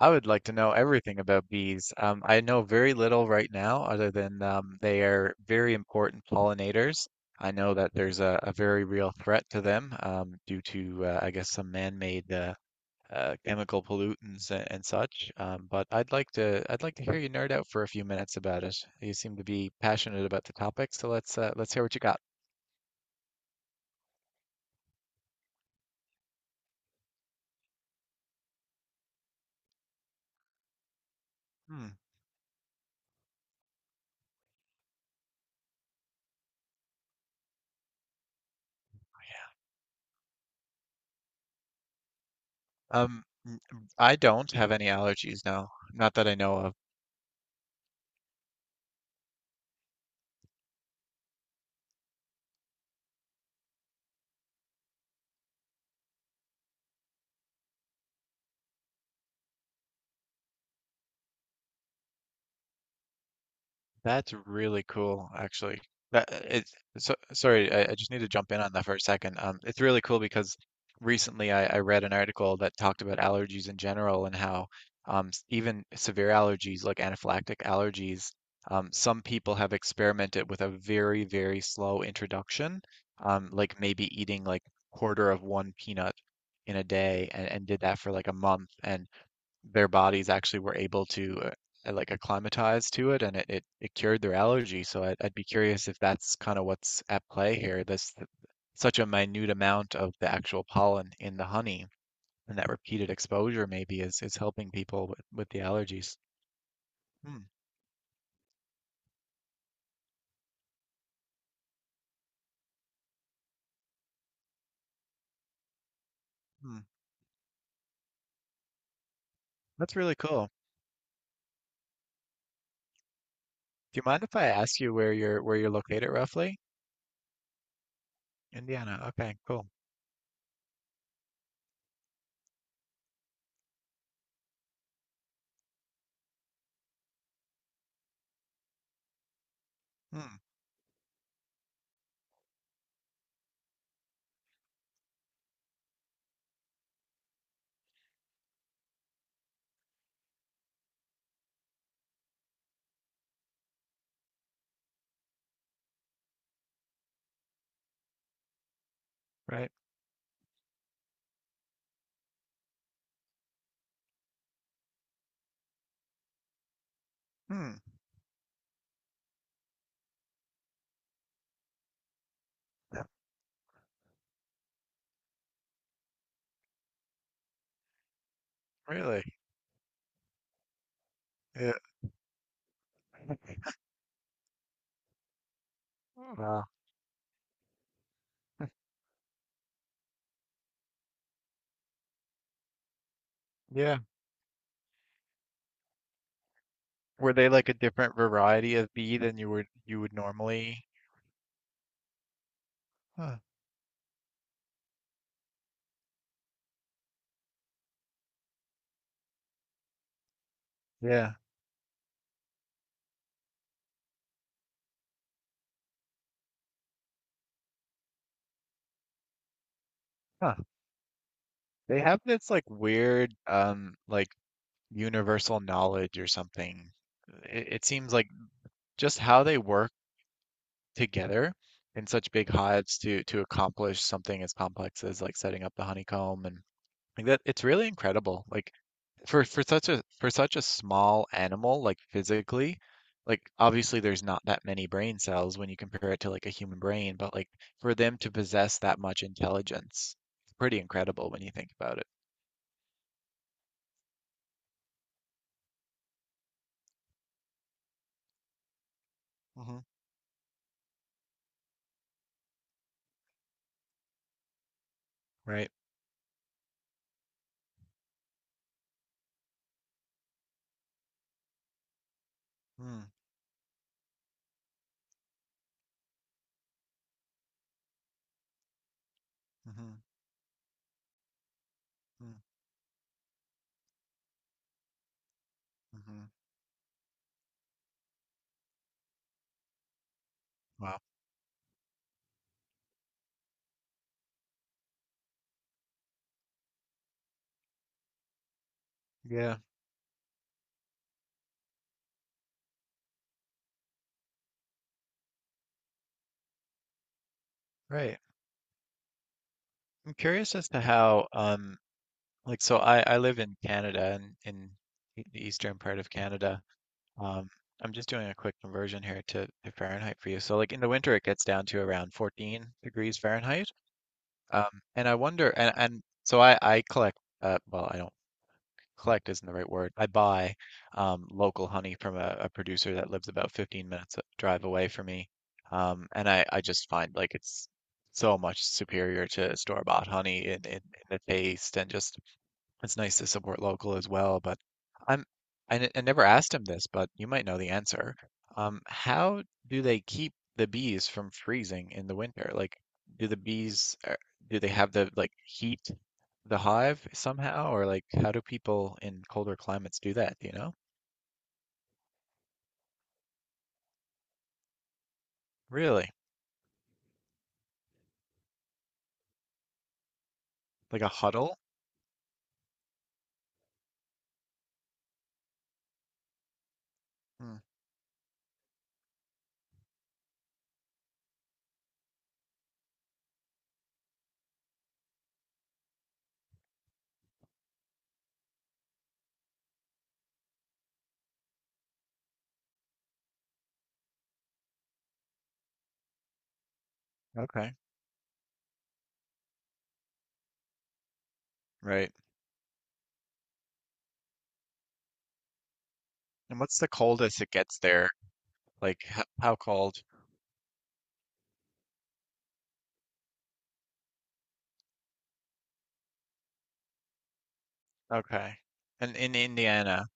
I would like to know everything about bees. I know very little right now, other than they are very important pollinators. I know that there's a very real threat to them due to, I guess, some man-made chemical pollutants and such. But I'd like to hear you nerd out for a few minutes about it. You seem to be passionate about the topic, so let's hear what you got. Hmm. Um, n- I don't have any allergies, no, not that I know of. That's really cool, actually. That it's So sorry, I just need to jump in on that for a second. It's really cool because recently I read an article that talked about allergies in general and how even severe allergies like anaphylactic allergies, some people have experimented with a very, very slow introduction, like maybe eating like quarter of one peanut in a day and did that for like a month. And their bodies actually were able to like acclimatize to it and it cured their allergy. So I'd be curious if that's kind of what's at play here. This such a minute amount of the actual pollen in the honey and that repeated exposure maybe is helping people with the allergies. Hmm, hmm. That's really cool. Do you mind if I ask you where you're located roughly? Indiana. Okay, cool. Hmm. Right. Hmm. Really? Wow. Yeah. Were they like a different variety of bee than you would normally? Oh. Yeah. Huh. They have this like weird like universal knowledge or something. It seems like just how they work together in such big hives to accomplish something as complex as like setting up the honeycomb and like that it's really incredible. Like for such a small animal like physically, like obviously there's not that many brain cells when you compare it to like a human brain, but like for them to possess that much intelligence, it's pretty incredible when you think about it. Mhm. Right. Mm. Hmm. Mm. Hmm. Wow. Yeah. Right. I'm curious as to how, like, so I live in Canada and in the eastern part of Canada. Um, I'm just doing a quick conversion here to Fahrenheit for you. So, like, in the winter, it gets down to around 14 degrees Fahrenheit. And I wonder, and so I collect, well, I don't. Collect isn't the right word. I buy local honey from a producer that lives about 15 minutes drive away from me. And I just find like it's so much superior to store-bought honey in the taste and just it's nice to support local as well, but I'm I never asked him this, but you might know the answer. How do they keep the bees from freezing in the winter? Like, do the bees do they have the like heat the hive somehow, or like how do people in colder climates do that? Do you know? Really? Like a huddle? Hmm. Okay. Right. And what's the coldest it gets there? How cold? Okay. And in Indiana,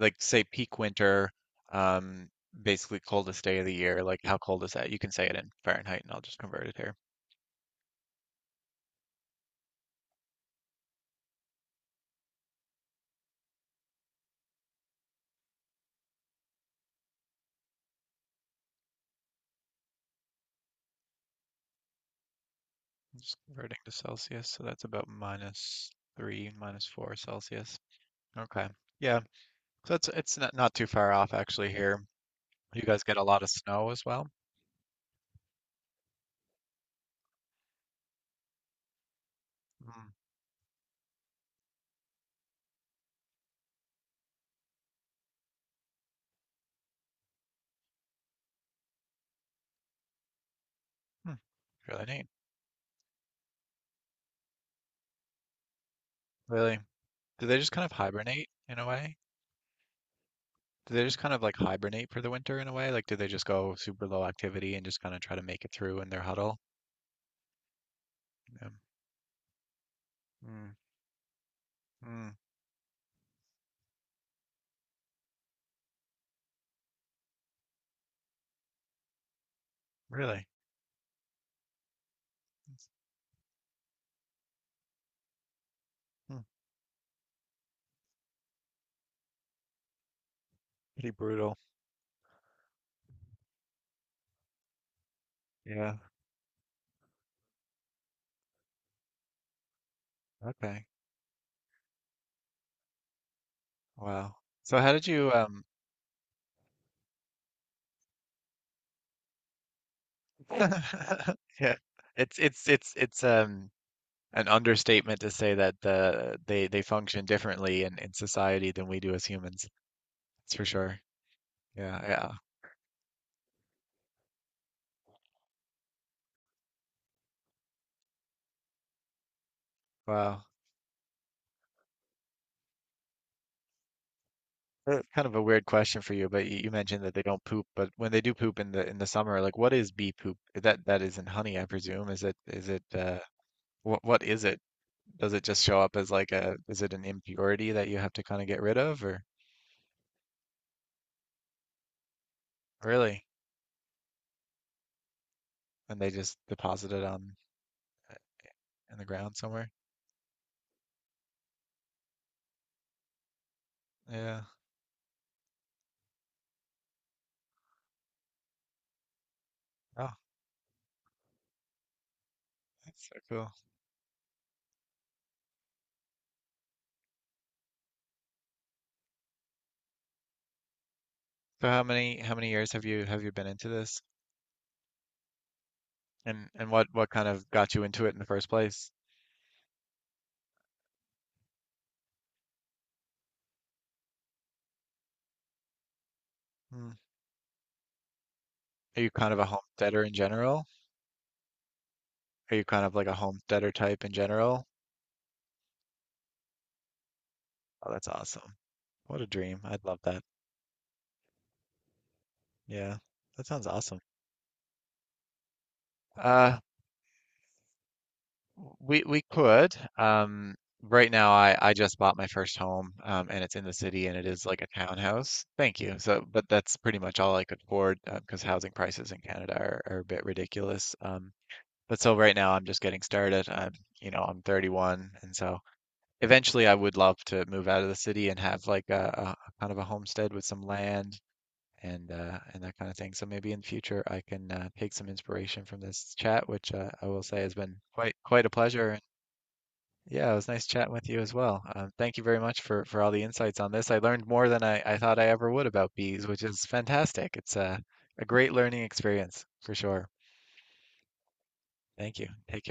like say peak winter, um, basically coldest day of the year. Like how cold is that? You can say it in Fahrenheit, and I'll just convert it here. I'm just converting to Celsius, so that's about minus three, minus four Celsius. Okay, yeah, so it's not, not too far off actually here. You guys get a lot of snow as well. Mm. Hmm. Really neat. Really, do they just kind of hibernate in a way? Do they just kind of like hibernate for the winter in a way? Like, do they just go super low activity and just kind of try to make it through in their huddle? Yeah. Mm. Mm. Really? Hmm. Pretty brutal. Yeah. Okay. Wow. So how did you yeah. It's an understatement to say that they function differently in society than we do as humans. That's for sure. Yeah, yeah. Wow. Kind of a weird question for you, but you mentioned that they don't poop, but when they do poop in the summer, like what is bee poop? That that isn't honey, I presume. Is it what is it? Does it just show up as like a is it an impurity that you have to kind of get rid of or? Really? And they just deposit it on uh, in the ground somewhere? Yeah. Oh, that's so cool. So how many years have you been into this? And what kind of got you into it in the first place? Hmm. Are you kind of a homesteader in general? Are you kind of like a homesteader type in general? Oh, that's awesome. What a dream. I'd love that. Yeah. That sounds awesome. Uh, we could. Right now, I just bought my first home, and it's in the city, and it is like a townhouse. Thank you. So, but that's pretty much all I could afford because housing prices in Canada are a bit ridiculous. But so right now, I'm just getting started. I'm You know, I'm 31, and so eventually, I would love to move out of the city and have like a kind of a homestead with some land. And that kind of thing. So maybe in the future I can take some inspiration from this chat, which I will say has been quite a pleasure. Yeah, it was nice chatting with you as well. Thank you very much for all the insights on this. I learned more than I thought I ever would about bees, which is fantastic. It's a great learning experience for sure. Thank you. Take care.